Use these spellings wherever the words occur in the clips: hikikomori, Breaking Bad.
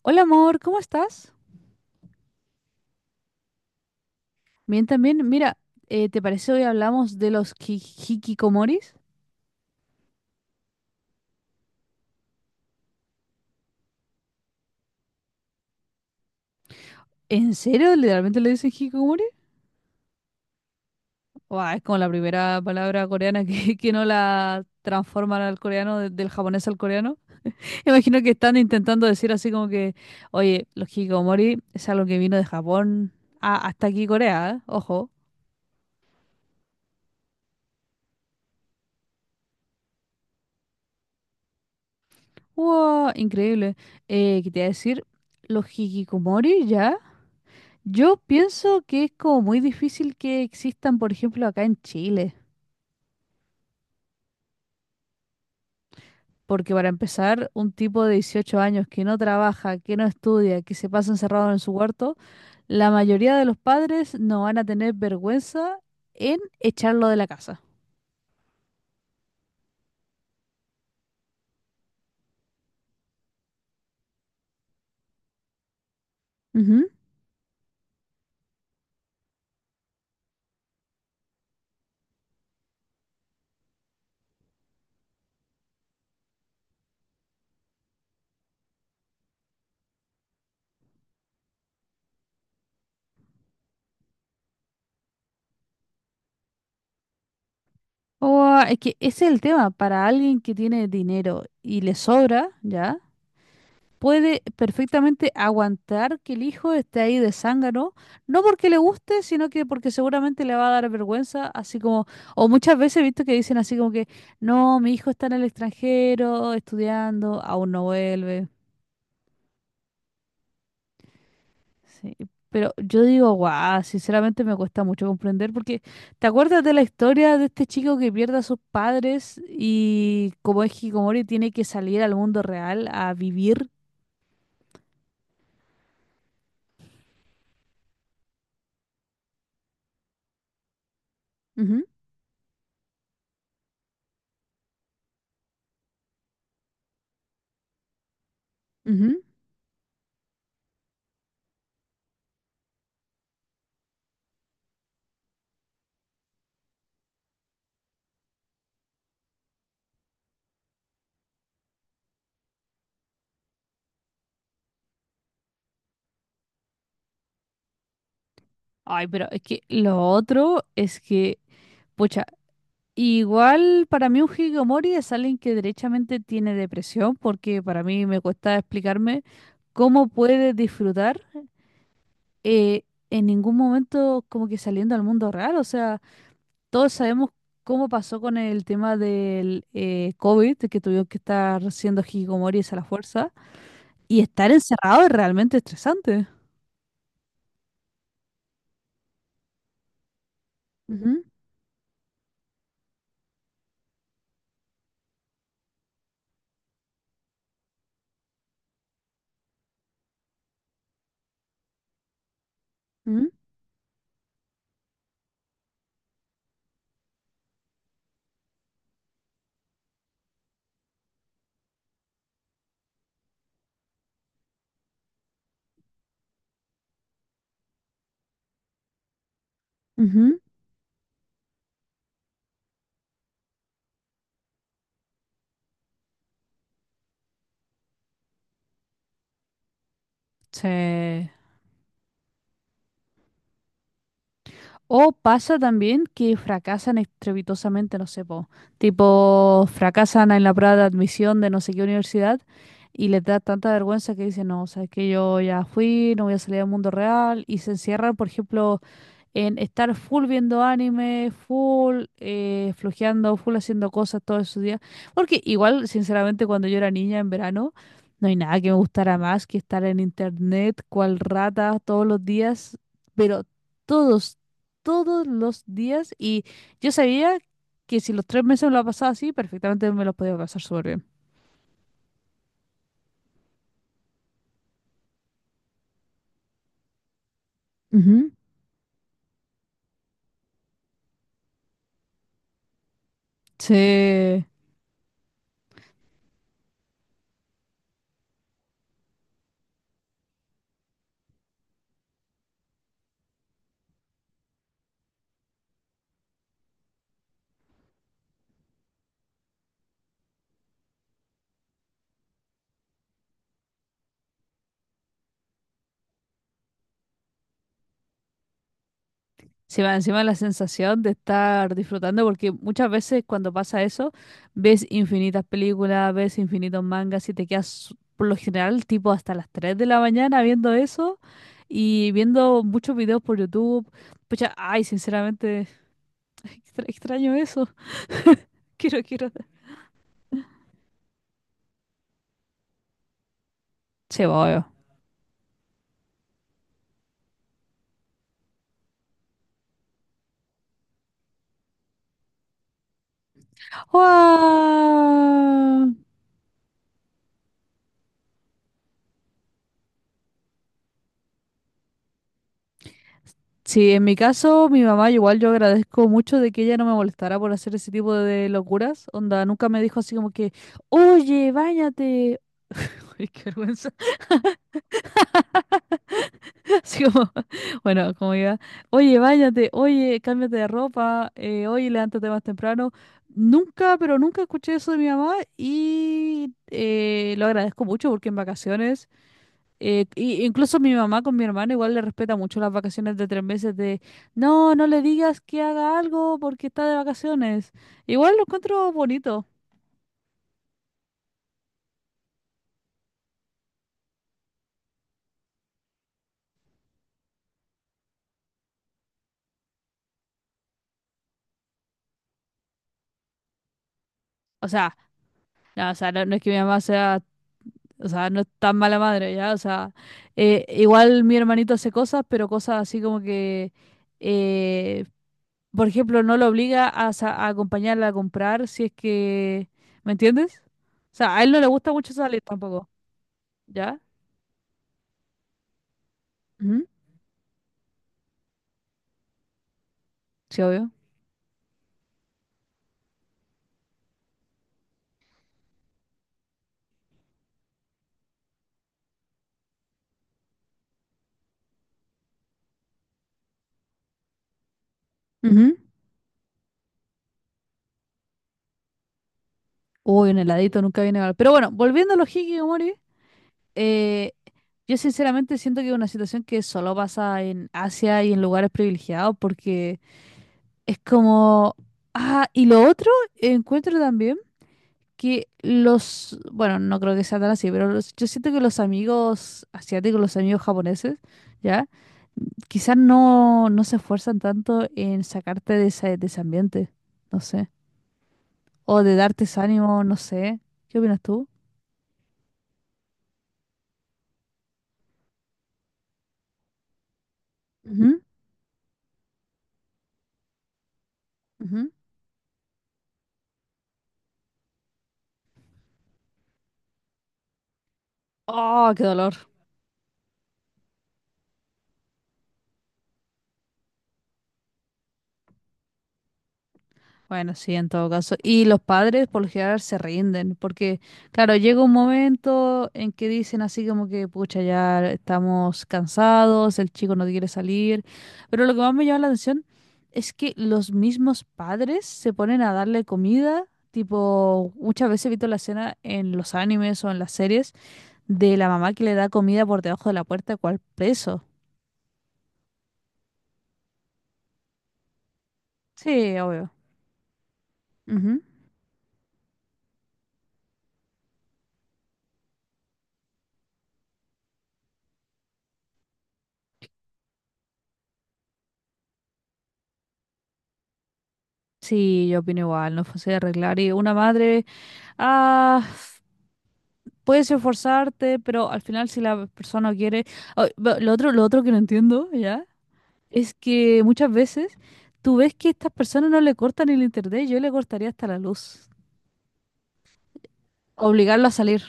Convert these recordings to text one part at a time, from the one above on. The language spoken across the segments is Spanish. Hola amor, ¿cómo estás? Bien, también, mira, ¿te parece hoy hablamos de los hikikomoris? ¿En serio? ¿Literalmente le dicen hikikomori? Buah, es como la primera palabra coreana que, que no la transforman al coreano, del japonés al coreano. Imagino que están intentando decir así como que, oye, los hikikomori es algo que vino de Japón hasta aquí Corea, ¿eh? Ojo. Wow, increíble. ¿Qué te iba a decir? Los hikikomori ya. Yo pienso que es como muy difícil que existan, por ejemplo, acá en Chile, porque para empezar, un tipo de 18 años que no trabaja, que no estudia, que se pasa encerrado en su cuarto, la mayoría de los padres no van a tener vergüenza en echarlo de la casa. Ujú. O ah, es que ese es el tema, para alguien que tiene dinero y le sobra, ¿ya? Puede perfectamente aguantar que el hijo esté ahí de zángano, no porque le guste, sino que porque seguramente le va a dar vergüenza, así como, o muchas veces he visto que dicen así como que, no, mi hijo está en el extranjero estudiando, aún no vuelve. Sí, pero yo digo, guau, sinceramente me cuesta mucho comprender porque ¿te acuerdas de la historia de este chico que pierde a sus padres y como es Hikomori tiene que salir al mundo real a vivir? Ujú, ujú. Ay, pero es que lo otro es que, pucha, igual para mí un hikikomori es alguien que derechamente tiene depresión, porque para mí me cuesta explicarme cómo puede disfrutar eh, en ningún momento como que saliendo al mundo real. O sea, todos sabemos cómo pasó con el tema del COVID, que tuvieron que estar siendo hikikomoris a la fuerza, y estar encerrado es realmente estresante. Ujú, ujú, ujú. Sí. O pasa también que fracasan estrepitosamente, no sé, po, tipo fracasan en la prueba de admisión de no sé qué universidad y les da tanta vergüenza que dicen, no, sabes que yo ya fui, no voy a salir al mundo real y se encierran, por ejemplo, en estar full viendo anime, full flojeando, full haciendo cosas todos esos días. Porque igual, sinceramente, cuando yo era niña en verano, no hay nada que me gustara más que estar en internet, cual rata, todos los días, pero todos, todos los días. Y yo sabía que si los 3 meses me lo pasaba así, perfectamente me los podía pasar súper bien. Ujú. Sí. Sí, va encima la sensación de estar disfrutando, porque muchas veces cuando pasa eso, ves infinitas películas, ves infinitos mangas y te quedas por lo general tipo hasta las 3 de la mañana viendo eso y viendo muchos videos por YouTube. Pucha, ay, sinceramente, extraño eso. Quiero, quiero. Sí, obvio. ¡Guau! Sí, en mi caso, mi mamá igual yo agradezco mucho de que ella no me molestara por hacer ese tipo de locuras. Onda, nunca me dijo así como que, oye, báñate. Uy, qué vergüenza. Así como, bueno, como iba, oye, báñate, oye, cámbiate de ropa, oye, levántate más temprano. Nunca, pero nunca escuché eso de mi mamá y lo agradezco mucho porque en vacaciones. Incluso mi mamá con mi hermano igual le respeta mucho las vacaciones de 3 meses de, no, no le digas que haga algo porque está de vacaciones. Igual lo encuentro bonito. O sea, no, o sea, no, no es que mi mamá sea, o sea, no es tan mala madre, ¿ya? O sea, igual mi hermanito hace cosas, pero cosas así como que, eh, por ejemplo, no lo obliga a, a acompañarla a comprar si es que, ¿me entiendes? O sea, a él no le gusta mucho salir tampoco, ¿ya? Ujú, sí, obvio. Uy, un heladito nunca viene mal. Pero bueno, volviendo a los hikikomori, eh, yo sinceramente siento que es una situación que solo pasa en Asia y en lugares privilegiados porque es como... Ah, y lo otro, encuentro también que los... Bueno, no creo que sea tan así, pero yo siento que los amigos asiáticos, los amigos japoneses, ¿ya? Quizás no, no se esfuerzan tanto en sacarte de ese ambiente, no sé. O de darte ese ánimo, no sé. ¿Qué opinas tú? Ujú, ujú. Oh, qué dolor. Bueno, sí, en todo caso. Y los padres por lo general se rinden, porque, claro, llega un momento en que dicen así como que, pucha, ya estamos cansados, el chico no quiere salir. Pero lo que más me llama la atención es que los mismos padres se ponen a darle comida. Tipo, muchas veces he visto la escena en los animes o en las series de la mamá que le da comida por debajo de la puerta, cual preso. Sí, obvio. Ujú. Sí, yo opino igual, no es fácil de arreglar. Y una madre, ah, puedes esforzarte, pero al final si la persona quiere... Ah, lo otro que no entiendo, ¿ya? Es que muchas veces tú ves que estas personas no le cortan el internet, yo le cortaría hasta la luz. Obligarlo a salir.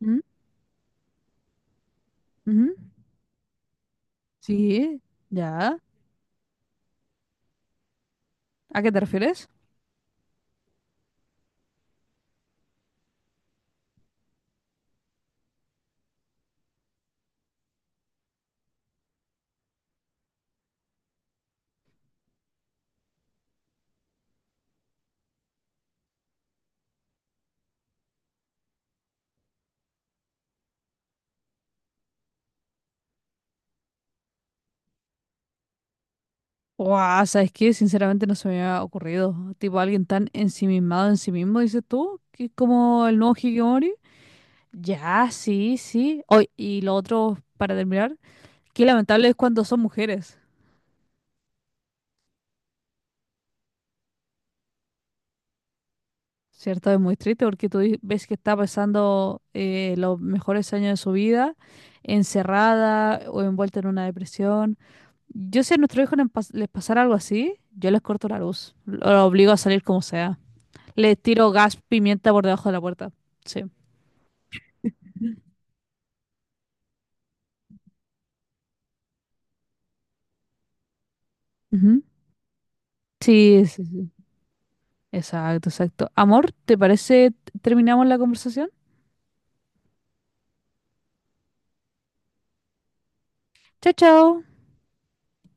¿Mm? Ujú. Sí, ya. ¿A qué te refieres? Guau, ¿sabes qué? Sinceramente no se me había ocurrido. Tipo, alguien tan ensimismado en sí mismo, dices tú, que es como el nuevo Hikikomori. Ya, sí, sí. Oy, y lo otro, para terminar, qué lamentable es cuando son mujeres, ¿cierto? Es muy triste porque tú ves que está pasando los mejores años de su vida encerrada o envuelta en una depresión. Yo si a nuestros hijos les les pasara algo así, yo les corto la luz, lo obligo a salir como sea. Les tiro gas, pimienta por debajo de la puerta. Sí. Ujú. Sí, sí, sí. Exacto, exacto. Amor, ¿te parece terminamos la conversación? Chao, chao.